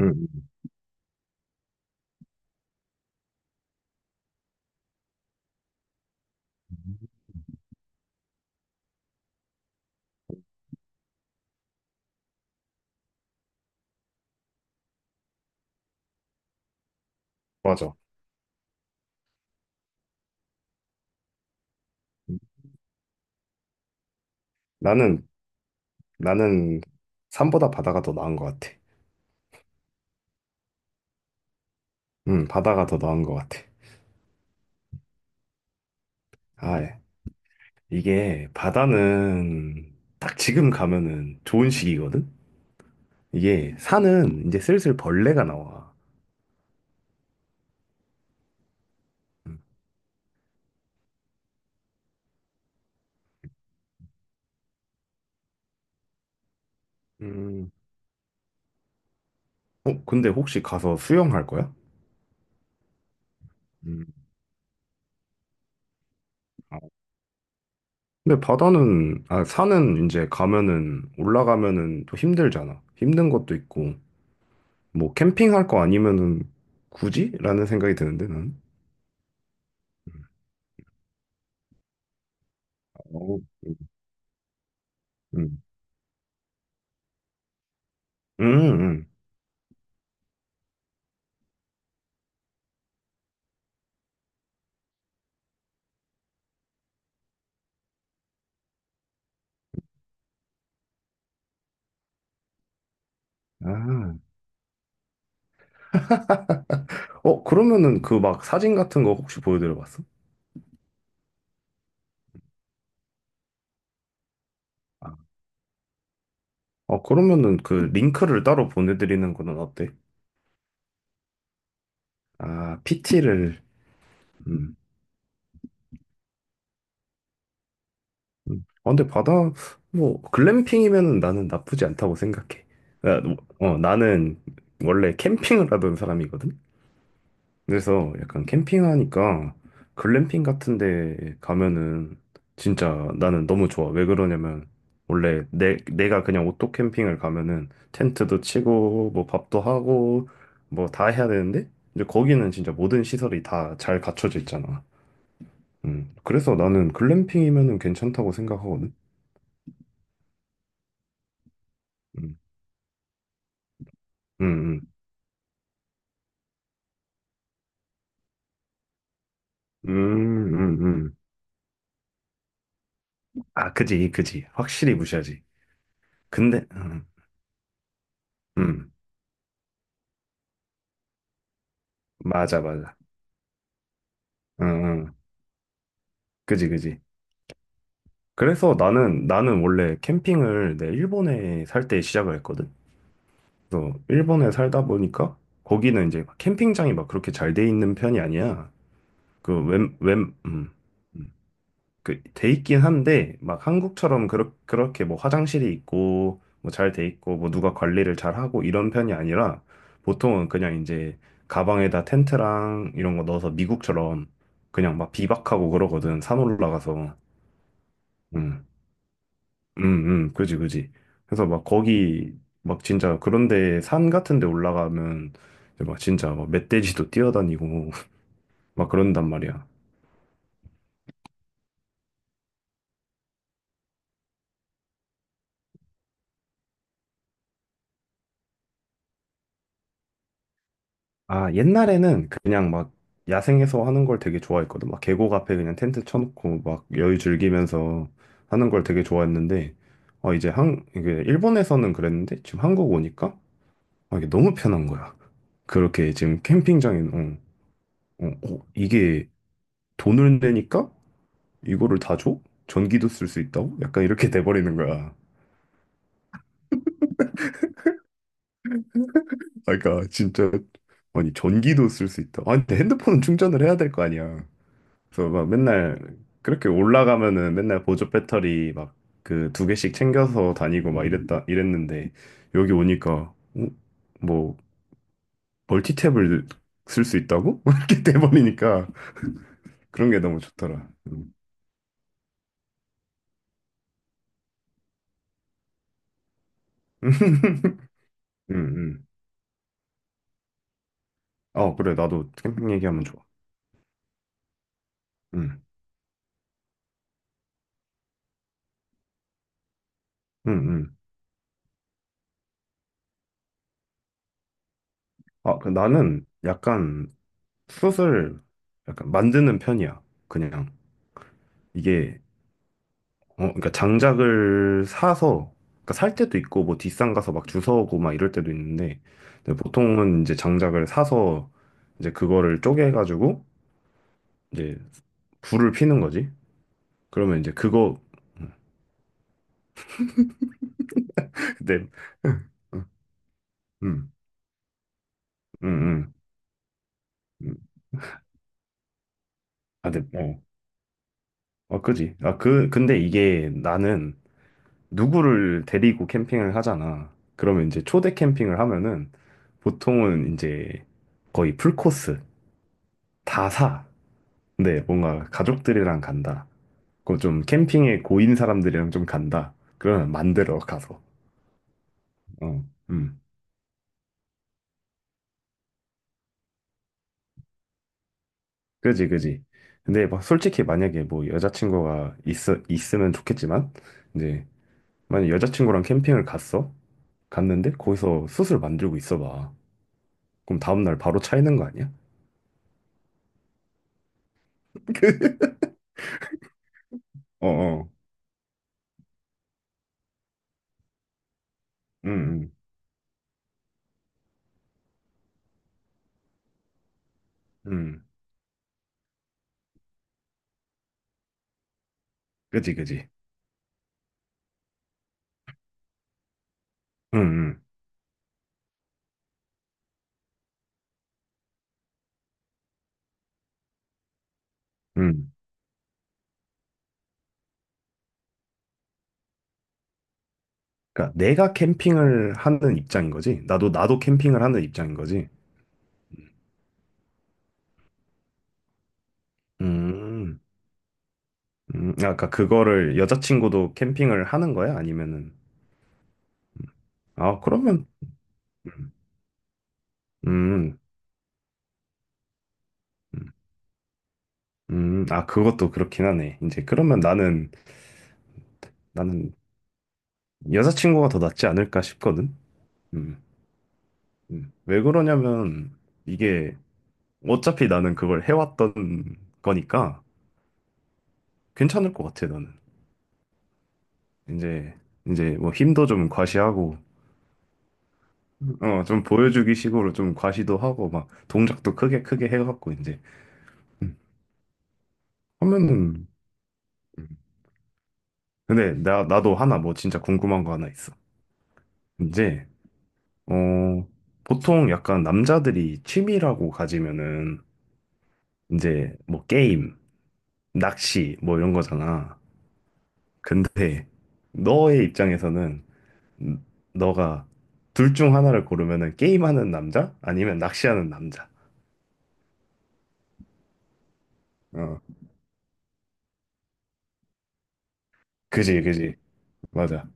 음, 음. 맞아. 음, 나는, 나는 산보다 바다가 더 나은 것 같아. 바다가 더 나은 것 같아. 아, 예. 이게 바다는 딱 지금 가면은 좋은 시기거든? 이게 산은 이제 슬슬 벌레가 나와. 음, 근데 혹시 가서 수영할 거야? 음, 아. 근데 산은 이제 가면은, 올라가면은 또 힘들잖아. 힘든 것도 있고, 뭐 캠핑할 거 아니면은 굳이? 라는 생각이 드는데, 나는. 어, 음, 음. 아, 그러면은 그 막 사진 같은 거 혹시 보여드려 봤어? 아, 그러면은 그 링크를 따로 보내드리는 거는 어때? 아, PT를, 음, 아, 근데 뭐, 글램핑이면은 나는 나쁘지 않다고 생각해. 나, 나는 원래 캠핑을 하던 사람이거든? 그래서 약간 캠핑하니까 글램핑 같은 데 가면은 진짜 나는 너무 좋아. 왜 그러냐면 원래 내가 그냥 오토 캠핑을 가면은 텐트도 치고 뭐 밥도 하고 뭐 다 해야 되는데 이제 거기는 진짜 모든 시설이 다 잘 갖춰져 있잖아. 음. 그래서 나는 글램핑이면은 괜찮다고 생각하거든. 음. 음. 음. 음. 음. 음. 아, 그지. 그지. 확실히 무시하지. 근데 음. 맞아 맞아. 응, 응. 그지, 그지. 그래서 나는 원래 캠핑을 내 일본에 살 때 시작을 했거든. 그래서 일본에 살다 보니까 거기는 이제 캠핑장이 막 그렇게 잘 돼 있는 편이 아니야. 그 웬, 음. 음. 그, 돼 있긴 한데, 막 한국처럼 그렇게 뭐 화장실이 있고, 뭐 잘 돼 있고, 뭐 누가 관리를 잘 하고 이런 편이 아니라, 보통은 그냥 이제 가방에다 텐트랑 이런 거 넣어서 미국처럼 그냥 막 비박하고 그러거든. 산 올라가서. 음. 음, 그지, 그지. 그래서 막 거기, 막 진짜 그런데 산 같은 데 올라가면 이제 막 진짜 막 멧돼지도 뛰어다니고 막 그런단 말이야. 아, 옛날에는 그냥 막 야생에서 하는 걸 되게 좋아했거든. 막 계곡 앞에 그냥 텐트 쳐놓고 막 여유 즐기면서 하는 걸 되게 좋아했는데, 이제 이게 일본에서는 그랬는데 지금 한국 오니까 아, 이게 너무 편한 거야. 그렇게 지금 캠핑장에, 이게 돈을 내니까 이거를 다 줘? 전기도 쓸 수 있다고? 약간 이렇게 돼버리는 거야. 아, 그러니까 진짜 아니 전기도 쓸 수 있다. 아니 근데 핸드폰은 충전을 해야 될 거 아니야. 그래서 막 맨날 그렇게 올라가면은 맨날 보조 배터리 막 그 두 개씩 챙겨서 다니고 막 이랬다 이랬는데 여기 오니까 어? 뭐 멀티탭을 쓸 수 있다고? 이렇게 돼버리니까 그런 게 너무 좋더라. 음, 음. 어, 그래. 나도 캠핑 얘기하면 좋아. 음, 음, 음. 아, 그 나는 약간 숏을 약간 만드는 편이야. 그냥 이게 그러니까 장작을 사서 그러니까 살 때도 있고 뭐 뒷산 가서 막 주워오고 막 이럴 때도 있는데 근데 보통은 이제 장작을 사서 이제 그거를 쪼개가지고 이제 불을 피는 거지. 그러면 이제 그거 근데 음, 음, 음. 음. 아, 근데 그지. 아, 그 근데 이게 나는 누구를 데리고 캠핑을 하잖아. 그러면 이제 초대 캠핑을 하면은 보통은 이제 거의 풀코스 다 사. 근데 뭔가 가족들이랑 간다. 그좀 캠핑에 고인 사람들이랑 좀 간다. 그러면 만들어 가서. 어, 음, 그지, 그지. 근데 막 솔직히 만약에 뭐 여자친구가 있어 있으면 좋겠지만 이제 만약 여자친구랑 캠핑을 갔는데 거기서 숯을 만들고 있어봐. 그럼 다음날 바로 차이는 거 아니야? 어, 어. 응, 음, 그지, 그지. 음, 음, 음. 그러니까 내가 캠핑을 하는 입장인 거지. 나도 캠핑을 하는 입장인 거지. 음, 아까 그거를 여자친구도 캠핑을 하는 거야? 아니면은 아 그러면 음, 음, 음. 음. 아 그것도 그렇긴 하네. 이제 그러면 나는 나는 여자친구가 더 낫지 않을까 싶거든. 음, 왜 그러냐면 이게 어차피 나는 그걸 해왔던 거니까 괜찮을 것 같아 나는. 이제 이제 뭐 힘도 좀 과시하고 좀 보여주기 식으로 좀 과시도 하고 막 동작도 크게 크게 해갖고 이제 음, 하면은 음. 근데 나 나도 하나 뭐 진짜 궁금한 거 하나 있어 이제 어 보통 약간 남자들이 취미라고 가지면은 이제 뭐 게임 낚시 뭐 이런 거잖아 근데 너의 입장에서는 음, 너가 둘 중 하나를 고르면은 게임하는 남자 아니면 낚시하는 남자 어 그지 그지 맞아.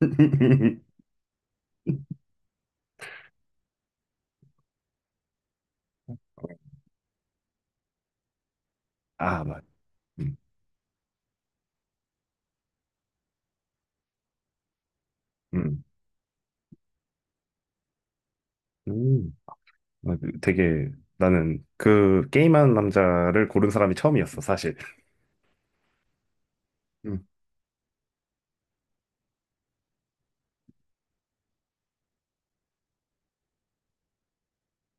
아, 맞. 음, 음, 음. 되게 나는 그 게임하는 남자를 고른 사람이 처음이었어, 사실. 음.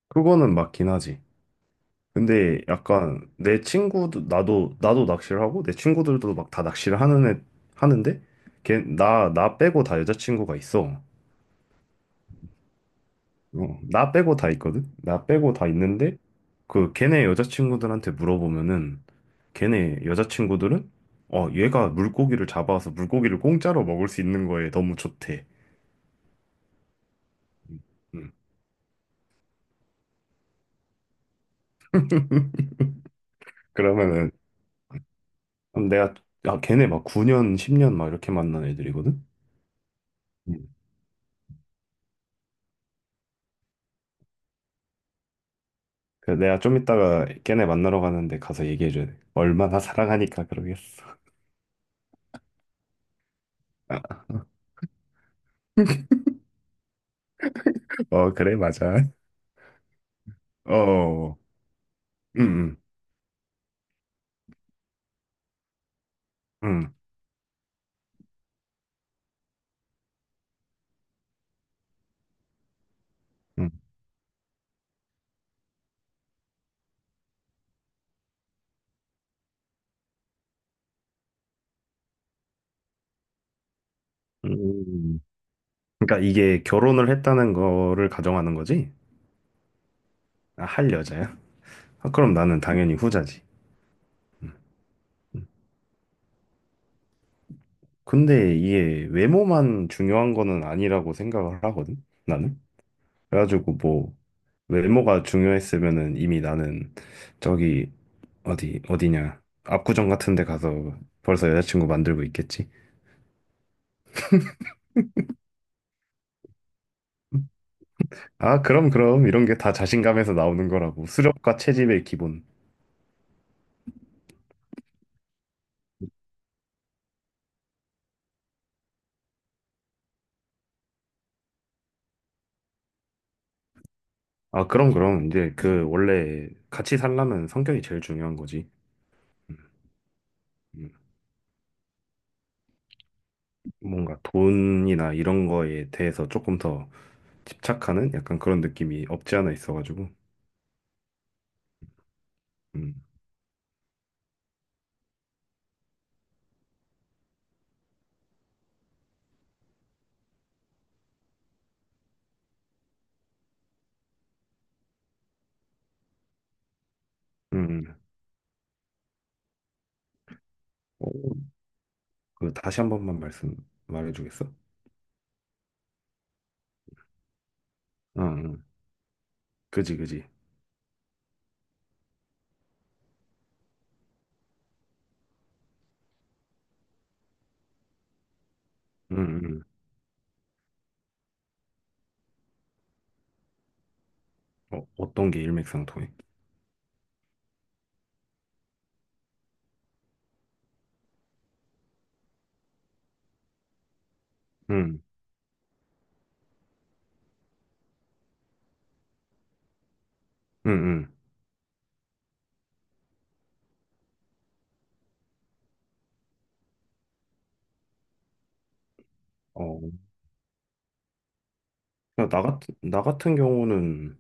그거는 맞긴 하지. 근데 약간 내 친구도 나도 낚시를 하고 내 친구들도 막 다 낚시를 하는 애 하는데 걔 나 빼고 다 여자친구가 있어. 어, 나 빼고 다 있거든? 나 빼고 다 있는데, 그, 걔네 여자친구들한테 물어보면은, 걔네 여자친구들은, 얘가 물고기를 잡아서 물고기를 공짜로 먹을 수 있는 거에 너무 좋대. 음. 그러면은, 그럼 내가, 아, 걔네 막 9년, 10년 막 이렇게 만난 애들이거든? 음. 그래서 내가 좀 이따가 걔네 만나러 가는데 가서 얘기해줘야 돼. 얼마나 사랑하니까 그러겠어. 어, 그래, 맞아. 어, 응, 응, 응. 응. 그러니까 이게 결혼을 했다는 거를 가정하는 거지? 아, 할 여자야? 아, 그럼 나는 당연히 후자지. 음. 근데 이게 외모만 중요한 거는 아니라고 생각을 하거든, 나는. 그래가지고 뭐, 외모가 중요했으면은 이미 나는 저기, 어디냐. 압구정 같은 데 가서 벌써 여자친구 만들고 있겠지. 아, 그럼, 그럼. 이런 게 다 자신감에서 나오는 거라고. 수렵과 채집의 기본. 아, 그럼, 그럼. 이제 그 원래 같이 살려면 성격이 제일 중요한 거지. 음. 음. 뭔가 돈이나 이런 거에 대해서 조금 더 집착하는 약간 그런 느낌이 없지 않아 있어가지고. 음, 음. 어, 그 다시 한 번만 말씀 말해주겠어? 응, 응. 그지, 그지. 응, 응. 어, 어떤 게 일맥상통해? 응, 응, 응. 어, 그냥 나 같은 경우는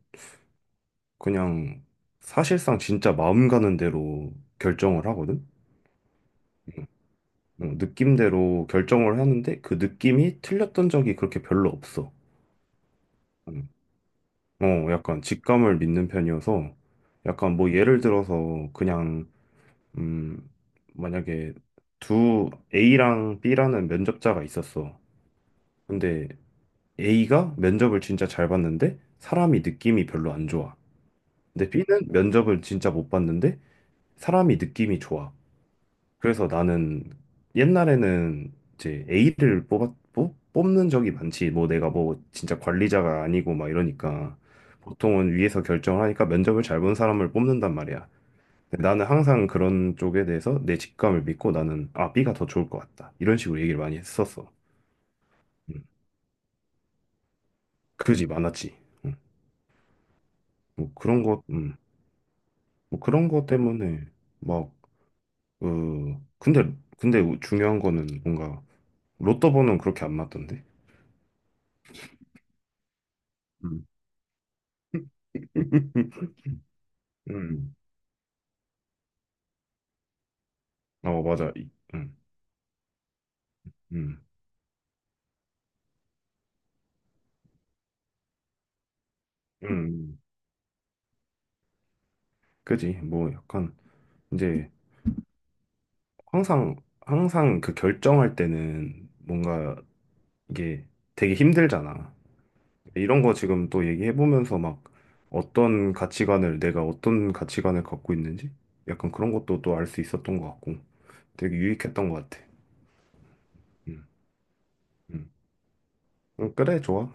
그냥 사실상 진짜 마음 가는 대로 결정을 하거든. 어, 느낌대로 결정을 하는데 그 느낌이 틀렸던 적이 그렇게 별로 없어. 음. 어, 약간 직감을 믿는 편이어서 약간 뭐 예를 들어서 그냥 음, 만약에 두 A랑 B라는 면접자가 있었어. 근데 A가 면접을 진짜 잘 봤는데 사람이 느낌이 별로 안 좋아. 근데 B는 면접을 진짜 못 봤는데 사람이 느낌이 좋아. 그래서 나는 옛날에는 이제 A를 뽑는 적이 많지. 뭐 내가 뭐 진짜 관리자가 아니고 막 이러니까 보통은 위에서 결정을 하니까 면접을 잘 본 사람을 뽑는단 말이야. 근데 나는 항상 그런 쪽에 대해서 내 직감을 믿고 나는 아, B가 더 좋을 것 같다. 이런 식으로 얘기를 많이 했었어. 음. 그지 많았지. 음. 뭐 그런 것, 뭐 그런 것 때문에 막, 어, 근데, 근데 중요한 거는 뭔가 로또 번호는 그렇게 안 맞던데. 음. 음. 어, 맞아. 음, 음, 음. 그지. 뭐 약간 이제 항상 항상 그 결정할 때는 뭔가 이게 되게 힘들잖아. 이런 거 지금 또 얘기해 보면서 막 어떤 가치관을 내가 어떤 가치관을 갖고 있는지 약간 그런 것도 또 알 수 있었던 것 같고 되게 유익했던 것 같아. 음, 음. 그래, 좋아.